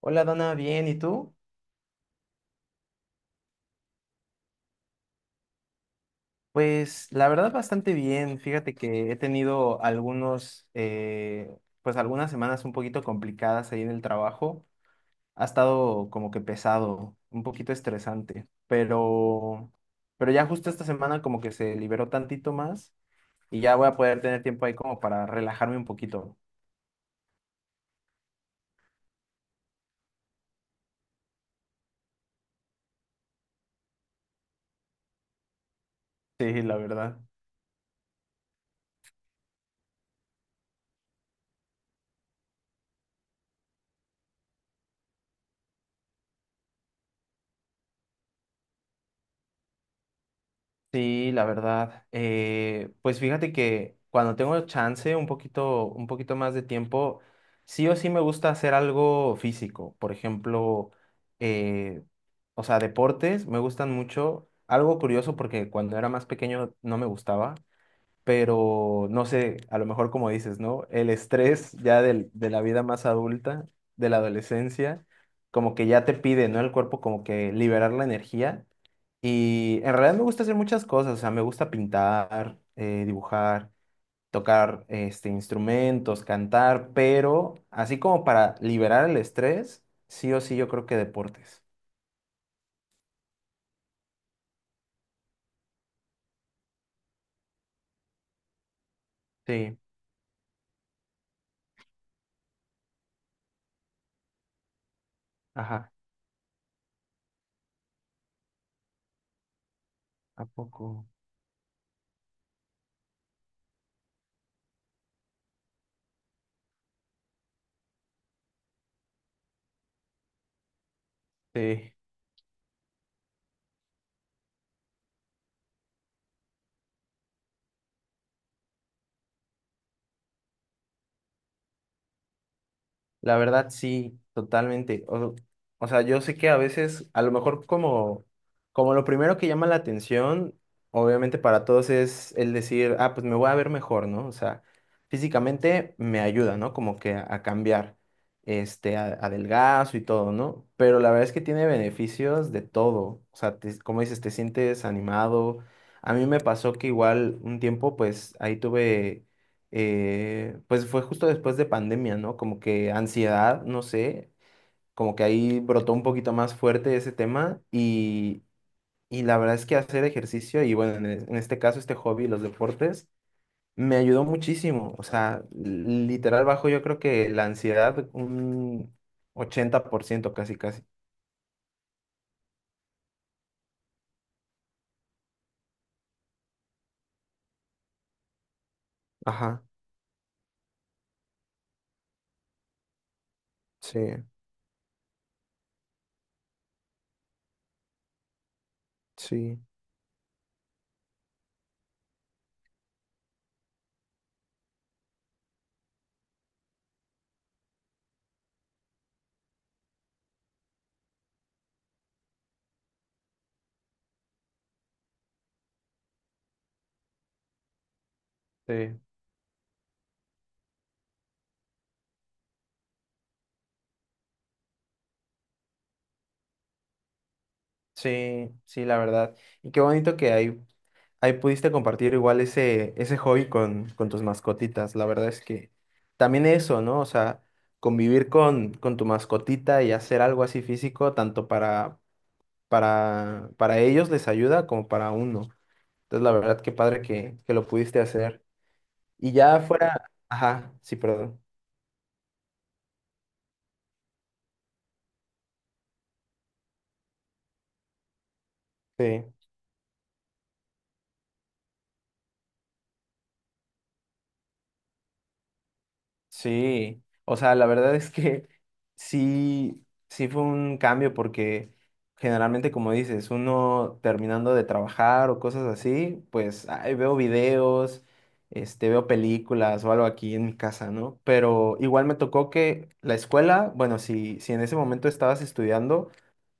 Hola Dana, bien, ¿y tú? Pues la verdad bastante bien. Fíjate que he tenido algunos, pues algunas semanas un poquito complicadas ahí en el trabajo. Ha estado como que pesado, un poquito estresante, pero ya justo esta semana como que se liberó tantito más y ya voy a poder tener tiempo ahí como para relajarme un poquito. Sí, la verdad. Sí, la verdad. Pues fíjate que cuando tengo chance, un poquito más de tiempo, sí o sí me gusta hacer algo físico. Por ejemplo, eh, o sea, deportes me gustan mucho. Algo curioso porque cuando era más pequeño no me gustaba, pero no sé, a lo mejor como dices, ¿no? El estrés ya de la vida más adulta, de la adolescencia, como que ya te pide, ¿no? El cuerpo como que liberar la energía. Y en realidad me gusta hacer muchas cosas, o sea, me gusta pintar, dibujar, tocar este, instrumentos, cantar, pero así como para liberar el estrés, sí o sí yo creo que deportes. Sí, ajá, ¿a poco? Sí. La verdad, sí, totalmente. O sea, yo sé que a veces, a lo mejor como lo primero que llama la atención, obviamente para todos es el decir, ah, pues me voy a ver mejor, ¿no? O sea, físicamente me ayuda, ¿no? Como que a cambiar, este, a, adelgazo y todo, ¿no? Pero la verdad es que tiene beneficios de todo. O sea, como dices, te sientes animado. A mí me pasó que igual un tiempo, pues ahí tuve, pues fue justo después de pandemia, ¿no? Como que ansiedad, no sé, como que ahí brotó un poquito más fuerte ese tema y la verdad es que hacer ejercicio y bueno, en este caso este hobby, los deportes, me ayudó muchísimo, o sea, literal bajo yo creo que la ansiedad un 80% casi, casi. Ajá, sí, sí. Sí, sí, sí, la verdad. Y qué bonito que hay ahí pudiste compartir igual ese hobby con tus mascotitas. La verdad es que también eso, ¿no? O sea, convivir con tu mascotita y hacer algo así físico, tanto para ellos les ayuda como para uno. Entonces, la verdad, qué padre que lo pudiste hacer. Y ya fuera, ajá, sí, perdón. Sí. Sí, o sea, la verdad es que sí, sí fue un cambio porque generalmente, como dices, uno terminando de trabajar o cosas así, pues ay, veo videos, este, veo películas o algo aquí en mi casa, ¿no? Pero igual me tocó que la escuela, bueno, si en ese momento estabas estudiando,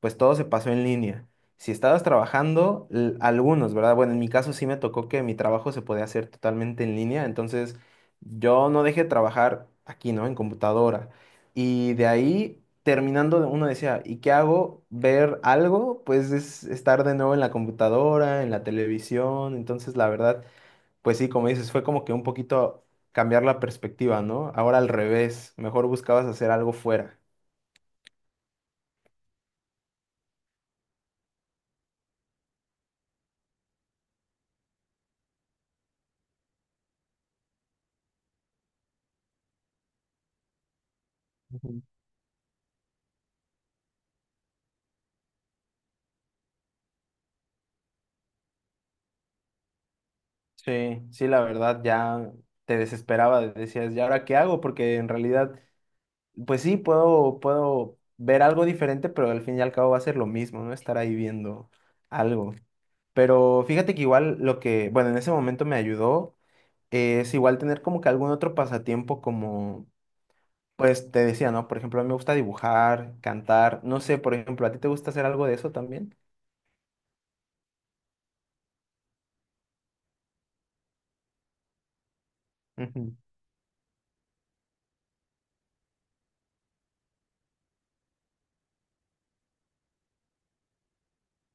pues todo se pasó en línea. Si estabas trabajando, algunos, ¿verdad? Bueno, en mi caso sí me tocó que mi trabajo se podía hacer totalmente en línea, entonces yo no dejé de trabajar aquí, ¿no? En computadora. Y de ahí, terminando, uno decía, ¿y qué hago? ¿Ver algo? Pues es estar de nuevo en la computadora, en la televisión. Entonces, la verdad, pues sí, como dices, fue como que un poquito cambiar la perspectiva, ¿no? Ahora al revés, mejor buscabas hacer algo fuera. Ujú. Sí, sí, la verdad, ya te desesperaba, decías, ¿y ahora qué hago? Porque en realidad pues sí, puedo ver algo diferente, pero al fin y al cabo va a ser lo mismo, ¿no? Estar ahí viendo algo. Pero fíjate que igual lo que, bueno, en ese momento me ayudó, es igual tener como que algún otro pasatiempo como, pues te decía, ¿no? Por ejemplo, a mí me gusta dibujar, cantar, no sé, por ejemplo, ¿a ti te gusta hacer algo de eso también? Ujú.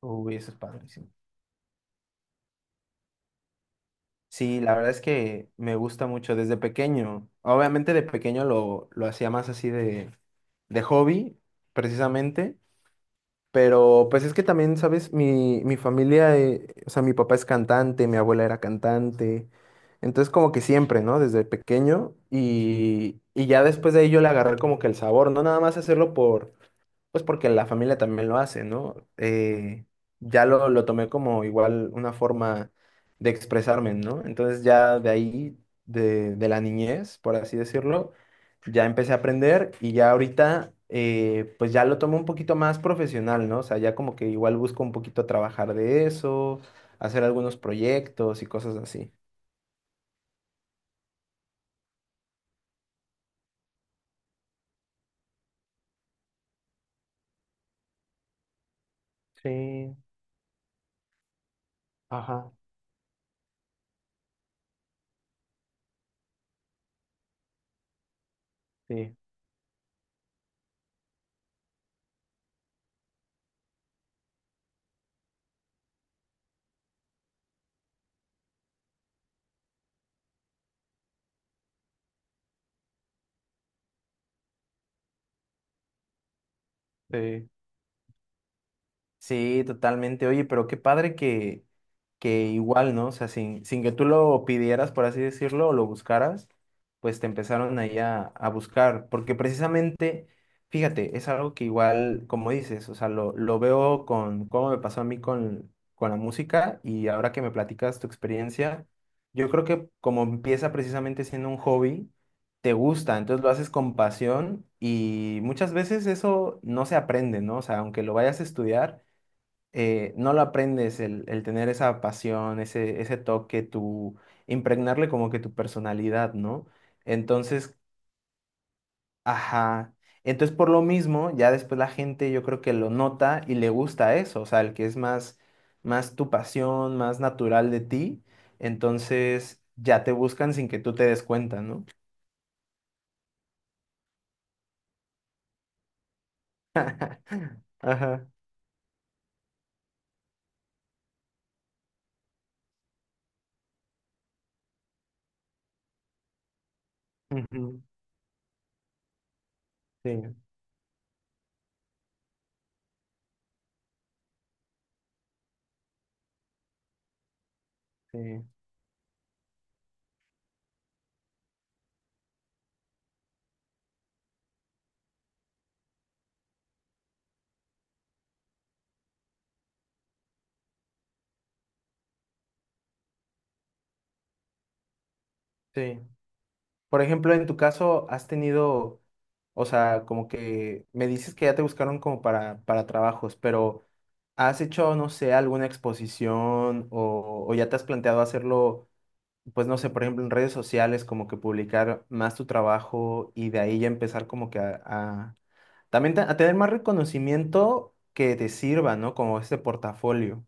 Uy, eso es padrísimo. Sí, la verdad es que me gusta mucho desde pequeño. Obviamente de pequeño lo hacía más así de hobby, precisamente. Pero pues es que también, ¿sabes? Mi familia, o sea, mi papá es cantante, mi abuela era cantante. Entonces como que siempre, ¿no? Desde pequeño. Y ya después de ahí yo le agarré como que el sabor, no nada más hacerlo por, pues porque la familia también lo hace, ¿no? Ya lo tomé como igual una forma de expresarme, ¿no? Entonces ya de ahí, de la niñez, por así decirlo, ya empecé a aprender y ya ahorita, pues ya lo tomo un poquito más profesional, ¿no? O sea, ya como que igual busco un poquito trabajar de eso, hacer algunos proyectos y cosas así. Sí, ajá, sí, sí. Sí, totalmente. Oye, pero qué padre que igual, ¿no? O sea, sin que tú lo pidieras, por así decirlo, o lo buscaras, pues te empezaron ahí a buscar. Porque precisamente, fíjate, es algo que igual, como dices, o sea, lo veo con cómo me pasó a mí con la música y ahora que me platicas tu experiencia, yo creo que como empieza precisamente siendo un hobby, te gusta, entonces lo haces con pasión y muchas veces eso no se aprende, ¿no? O sea, aunque lo vayas a estudiar, no lo aprendes, el tener esa pasión, ese toque, tu impregnarle como que tu personalidad, ¿no? Entonces, ajá. Entonces, por lo mismo, ya después la gente yo creo que lo nota y le gusta eso, o sea, el que es más tu pasión, más natural de ti, entonces ya te buscan sin que tú te des cuenta, ¿no? Ajá. Ujú. Sí, sí, sí. Por ejemplo, en tu caso, has tenido, o sea, como que me dices que ya te buscaron como para trabajos, pero ¿has hecho, no sé, alguna exposición o ya te has planteado hacerlo, pues no sé, por ejemplo, en redes sociales, como que publicar más tu trabajo y de ahí ya empezar como que también a tener más reconocimiento que te sirva, ¿no? Como este portafolio.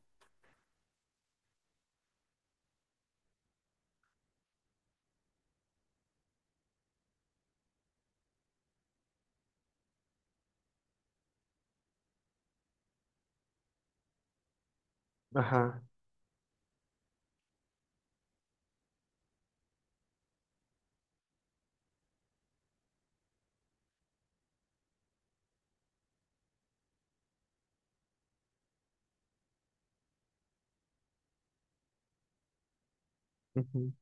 Ajá. Ujú,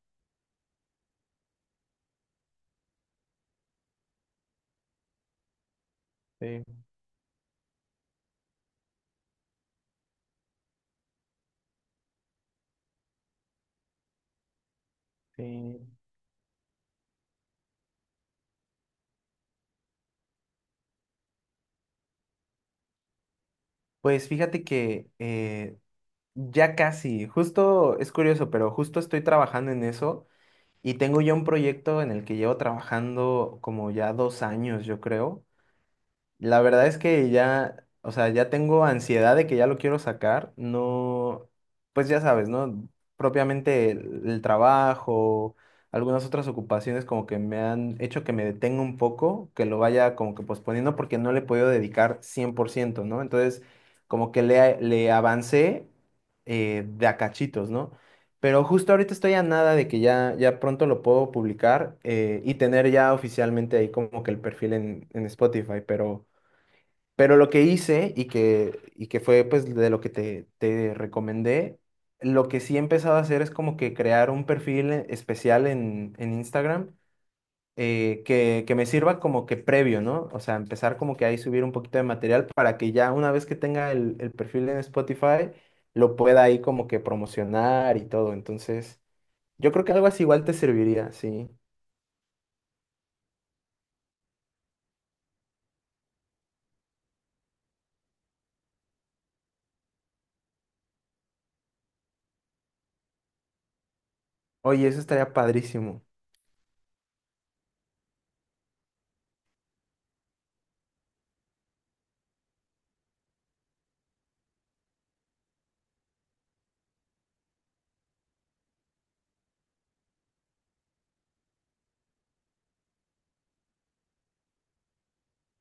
sí, sí. Pues fíjate que ya casi, justo es curioso, pero justo estoy trabajando en eso y tengo ya un proyecto en el que llevo trabajando como ya 2 años, yo creo, la verdad es que ya, o sea, ya tengo ansiedad de que ya lo quiero sacar. No, pues ya sabes, ¿no? Propiamente el trabajo, algunas otras ocupaciones como que me han hecho que me detenga un poco, que lo vaya como que posponiendo porque no le he podido dedicar 100%, ¿no? Entonces, como que le avancé, de a cachitos, ¿no? Pero justo ahorita estoy a nada de que ya, ya pronto lo puedo publicar, y tener ya oficialmente ahí como que el perfil en Spotify, pero... Pero lo que hice y que fue pues de lo que te recomendé, lo que sí he empezado a hacer es como que crear un perfil especial en Instagram, que me sirva como que previo, ¿no? O sea, empezar como que ahí subir un poquito de material para que ya una vez que tenga el perfil en Spotify, lo pueda ahí como que promocionar y todo. Entonces, yo creo que algo así igual te serviría, sí. Oye, eso estaría padrísimo.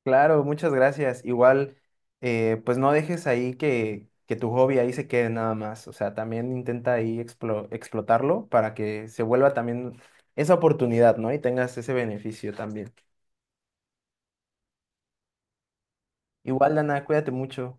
Claro, muchas gracias. Igual, pues no dejes ahí que tu hobby ahí se quede nada más. O sea, también intenta ahí explotarlo para que se vuelva también esa oportunidad, ¿no? Y tengas ese beneficio también. Igual, Dana, cuídate mucho.